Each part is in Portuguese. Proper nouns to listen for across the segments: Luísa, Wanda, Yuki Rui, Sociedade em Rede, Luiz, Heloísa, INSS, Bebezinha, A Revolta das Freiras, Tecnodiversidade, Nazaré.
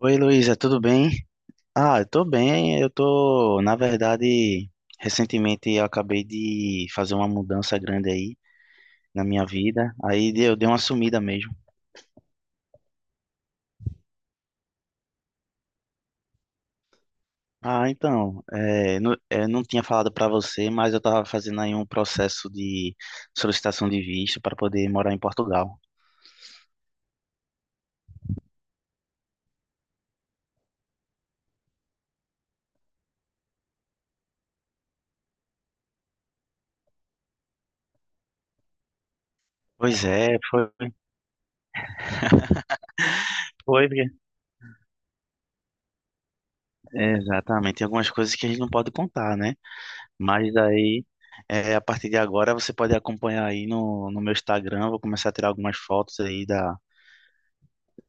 Oi, Luísa, tudo bem? Ah, eu tô bem. Eu tô, na verdade, recentemente eu acabei de fazer uma mudança grande aí na minha vida. Aí eu dei uma sumida mesmo. Ah, então, eu não tinha falado pra você, mas eu tava fazendo aí um processo de solicitação de visto para poder morar em Portugal. Pois é, foi, foi, exatamente. Tem algumas coisas que a gente não pode contar, né? Mas aí, é, a partir de agora, você pode acompanhar aí no meu Instagram. Vou começar a tirar algumas fotos aí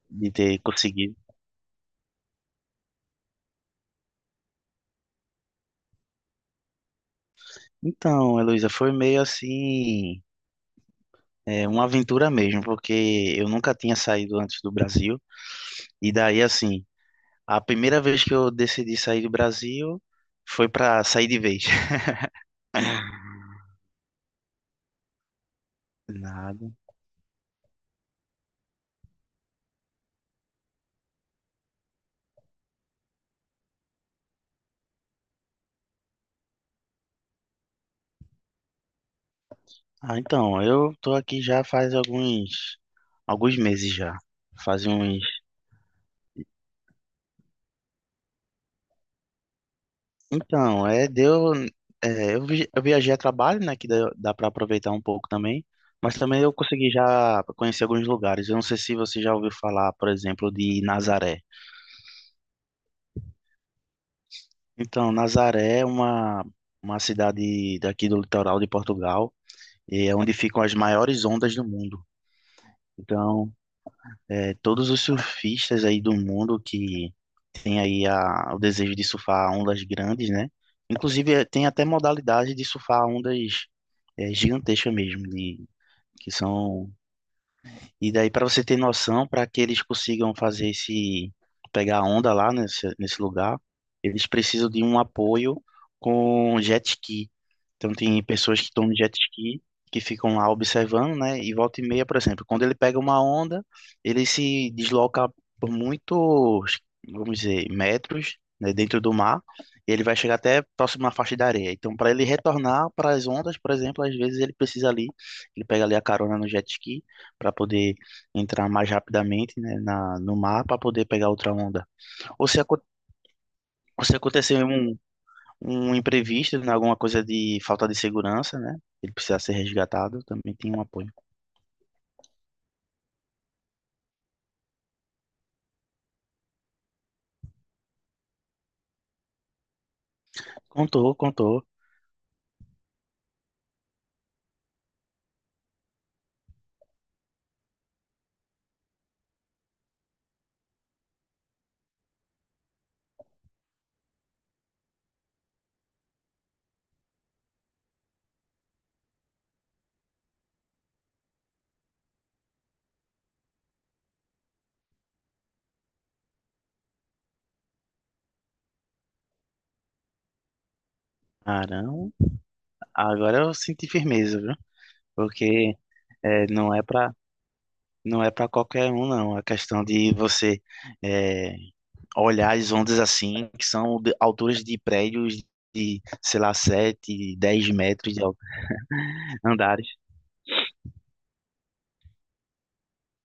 de ter conseguido. Então, Heloísa, foi meio assim, é, uma aventura mesmo, porque eu nunca tinha saído antes do Brasil. E daí, assim, a primeira vez que eu decidi sair do Brasil foi para sair de vez. Nada. Ah, então, eu tô aqui já faz alguns meses já. Faz uns Então, é, deu, é, eu, vi- eu viajei a trabalho, né, que dá para aproveitar um pouco também, mas também eu consegui já conhecer alguns lugares. Eu não sei se você já ouviu falar, por exemplo, de Nazaré. Então, Nazaré é uma cidade daqui do litoral de Portugal, e é onde ficam as maiores ondas do mundo. Então, é, todos os surfistas aí do mundo que tem aí o desejo de surfar ondas grandes, né? Inclusive, tem até modalidade de surfar ondas gigantescas mesmo, de, que são e daí, para você ter noção, para que eles consigam fazer esse, pegar a onda lá nesse lugar, eles precisam de um apoio com jet ski. Então, tem pessoas que estão no jet ski, que ficam lá observando, né? E volta e meia, por exemplo, quando ele pega uma onda, ele se desloca por muitos, vamos dizer, metros, né, dentro do mar, e ele vai chegar até próximo à faixa da areia. Então, para ele retornar para as ondas, por exemplo, às vezes ele precisa ali, ele pega ali a carona no jet ski para poder entrar mais rapidamente, né, no mar para poder pegar outra onda. Ou se, aco- ou se acontecer um imprevisto, né, alguma coisa de falta de segurança, né? Ele precisar ser resgatado, também tem um apoio. Contou, contou. Arão, agora eu senti firmeza, viu? Porque é, não é para não é para qualquer um, não. A questão de você é, olhar as ondas assim, que são de alturas de prédios de, sei lá, 7 10 metros de altura, andares.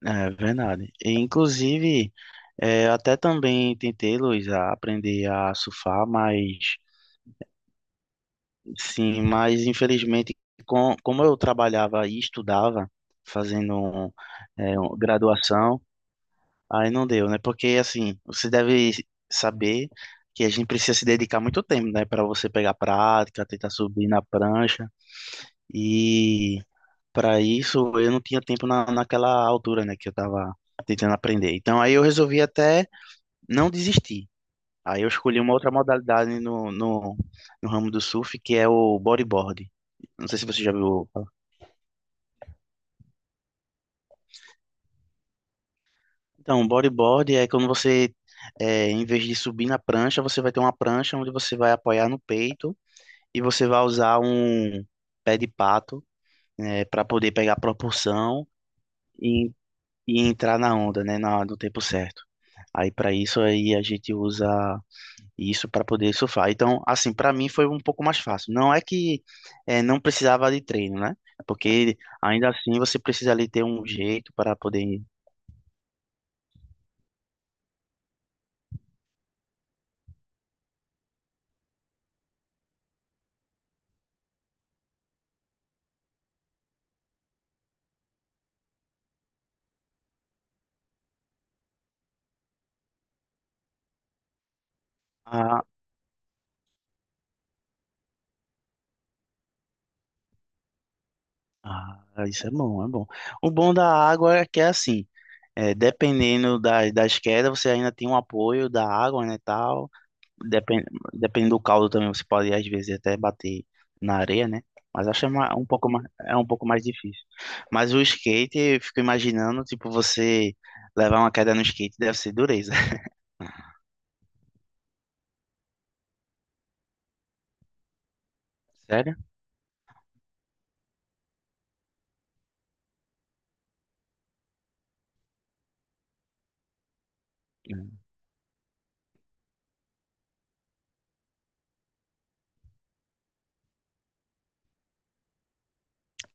É verdade. E, inclusive, eu até também tentei, Luiz, a aprender a surfar, mas sim, mas infelizmente, como eu trabalhava e estudava, fazendo graduação, aí não deu, né? Porque assim, você deve saber que a gente precisa se dedicar muito tempo, né? Para você pegar prática, tentar subir na prancha. E para isso eu não tinha tempo naquela altura, né, que eu tava tentando aprender. Então aí eu resolvi até não desistir. Aí eu escolhi uma outra modalidade no ramo do surf, que é o bodyboard. Não sei se você já viu falar. Então, bodyboard é quando você, em vez de subir na prancha, você vai ter uma prancha onde você vai apoiar no peito e você vai usar um pé de pato, né, para poder pegar propulsão. E e entrar na onda, né, no tempo certo. Aí para isso aí a gente usa isso para poder surfar. Então, assim, para mim foi um pouco mais fácil. Não é que não precisava de treino, né? Porque ainda assim você precisa ali ter um jeito para poder. Ah, ah, isso é bom, é bom. O bom da água é que é assim, dependendo das quedas, você ainda tem um apoio da água, né, tal. Depende, dependendo do caldo também, você pode às vezes até bater na areia, né? Mas acho que um pouco mais, é um pouco mais difícil. Mas o skate, eu fico imaginando, tipo, você levar uma queda no skate deve ser dureza. Sério?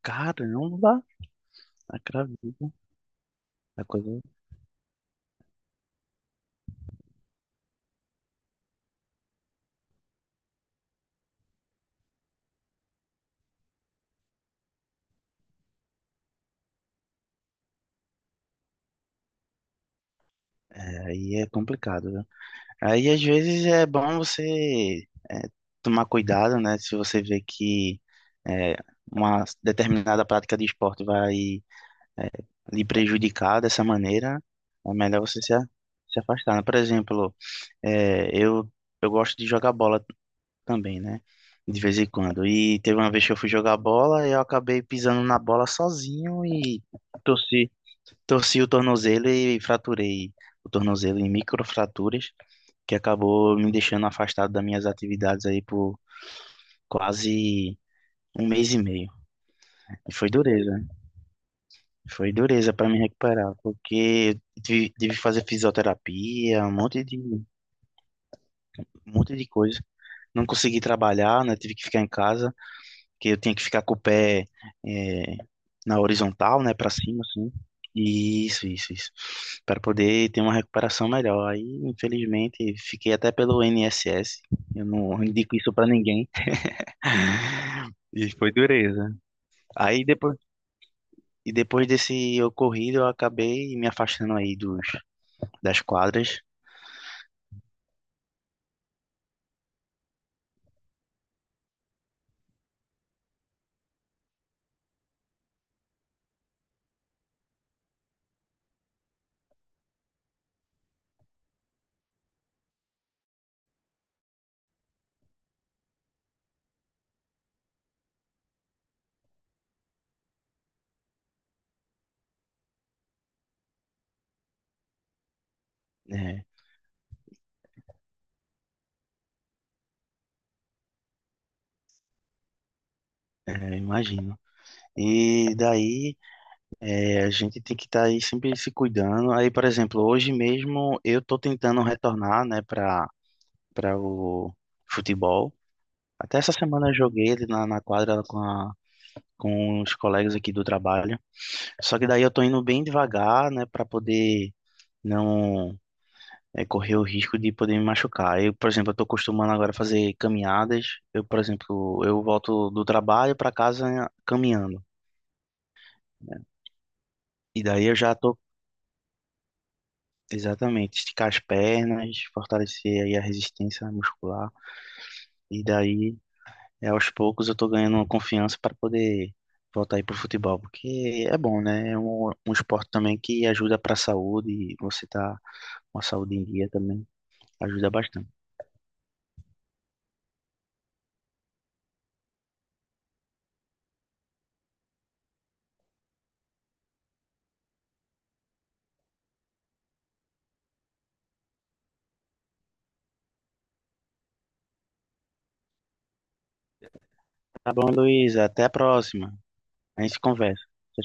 Caramba, acredito. A coisa... Aí é complicado, viu? Aí às vezes é bom você tomar cuidado, né? Se você vê que é, uma determinada prática de esporte vai é, lhe prejudicar dessa maneira, é melhor você se afastar, né? Por exemplo, é, eu, eu gosto de jogar bola também, né? De vez em quando. E teve uma vez que eu fui jogar bola e eu acabei pisando na bola sozinho e torci, torci o tornozelo e fraturei o tornozelo em microfraturas, que acabou me deixando afastado das minhas atividades aí por quase um mês e meio. E foi dureza. Foi dureza para me recuperar, porque eu tive que fazer fisioterapia, um monte de coisa. Não consegui trabalhar, né? Tive que ficar em casa, porque eu tinha que ficar com o pé eh, na horizontal, né? Para cima, assim. Isso, isso, isso. Para poder ter uma recuperação melhor. Aí, infelizmente, fiquei até pelo INSS. Eu não indico isso para ninguém. E foi dureza. Aí depois, e depois desse ocorrido, eu acabei me afastando aí das quadras, né? É, imagino. E daí a gente tem que estar aí sempre se cuidando. Aí, por exemplo, hoje mesmo eu tô tentando retornar, né, para o futebol. Até essa semana eu joguei ali na quadra com com os colegas aqui do trabalho. Só que daí eu tô indo bem devagar, né, para poder não correr o risco de poder me machucar. Eu, por exemplo, eu tô acostumando agora a fazer caminhadas. Eu, por exemplo, eu volto do trabalho para casa caminhando. E daí eu já tô, exatamente, esticar as pernas, fortalecer aí a resistência muscular. E daí, aos poucos, eu tô ganhando uma confiança para poder voltar aí pro futebol, porque é bom, né? É um esporte também que ajuda para a saúde, e você tá com a saúde em dia também, ajuda bastante. Tá bom, Luiz, até a próxima. A gente conversa.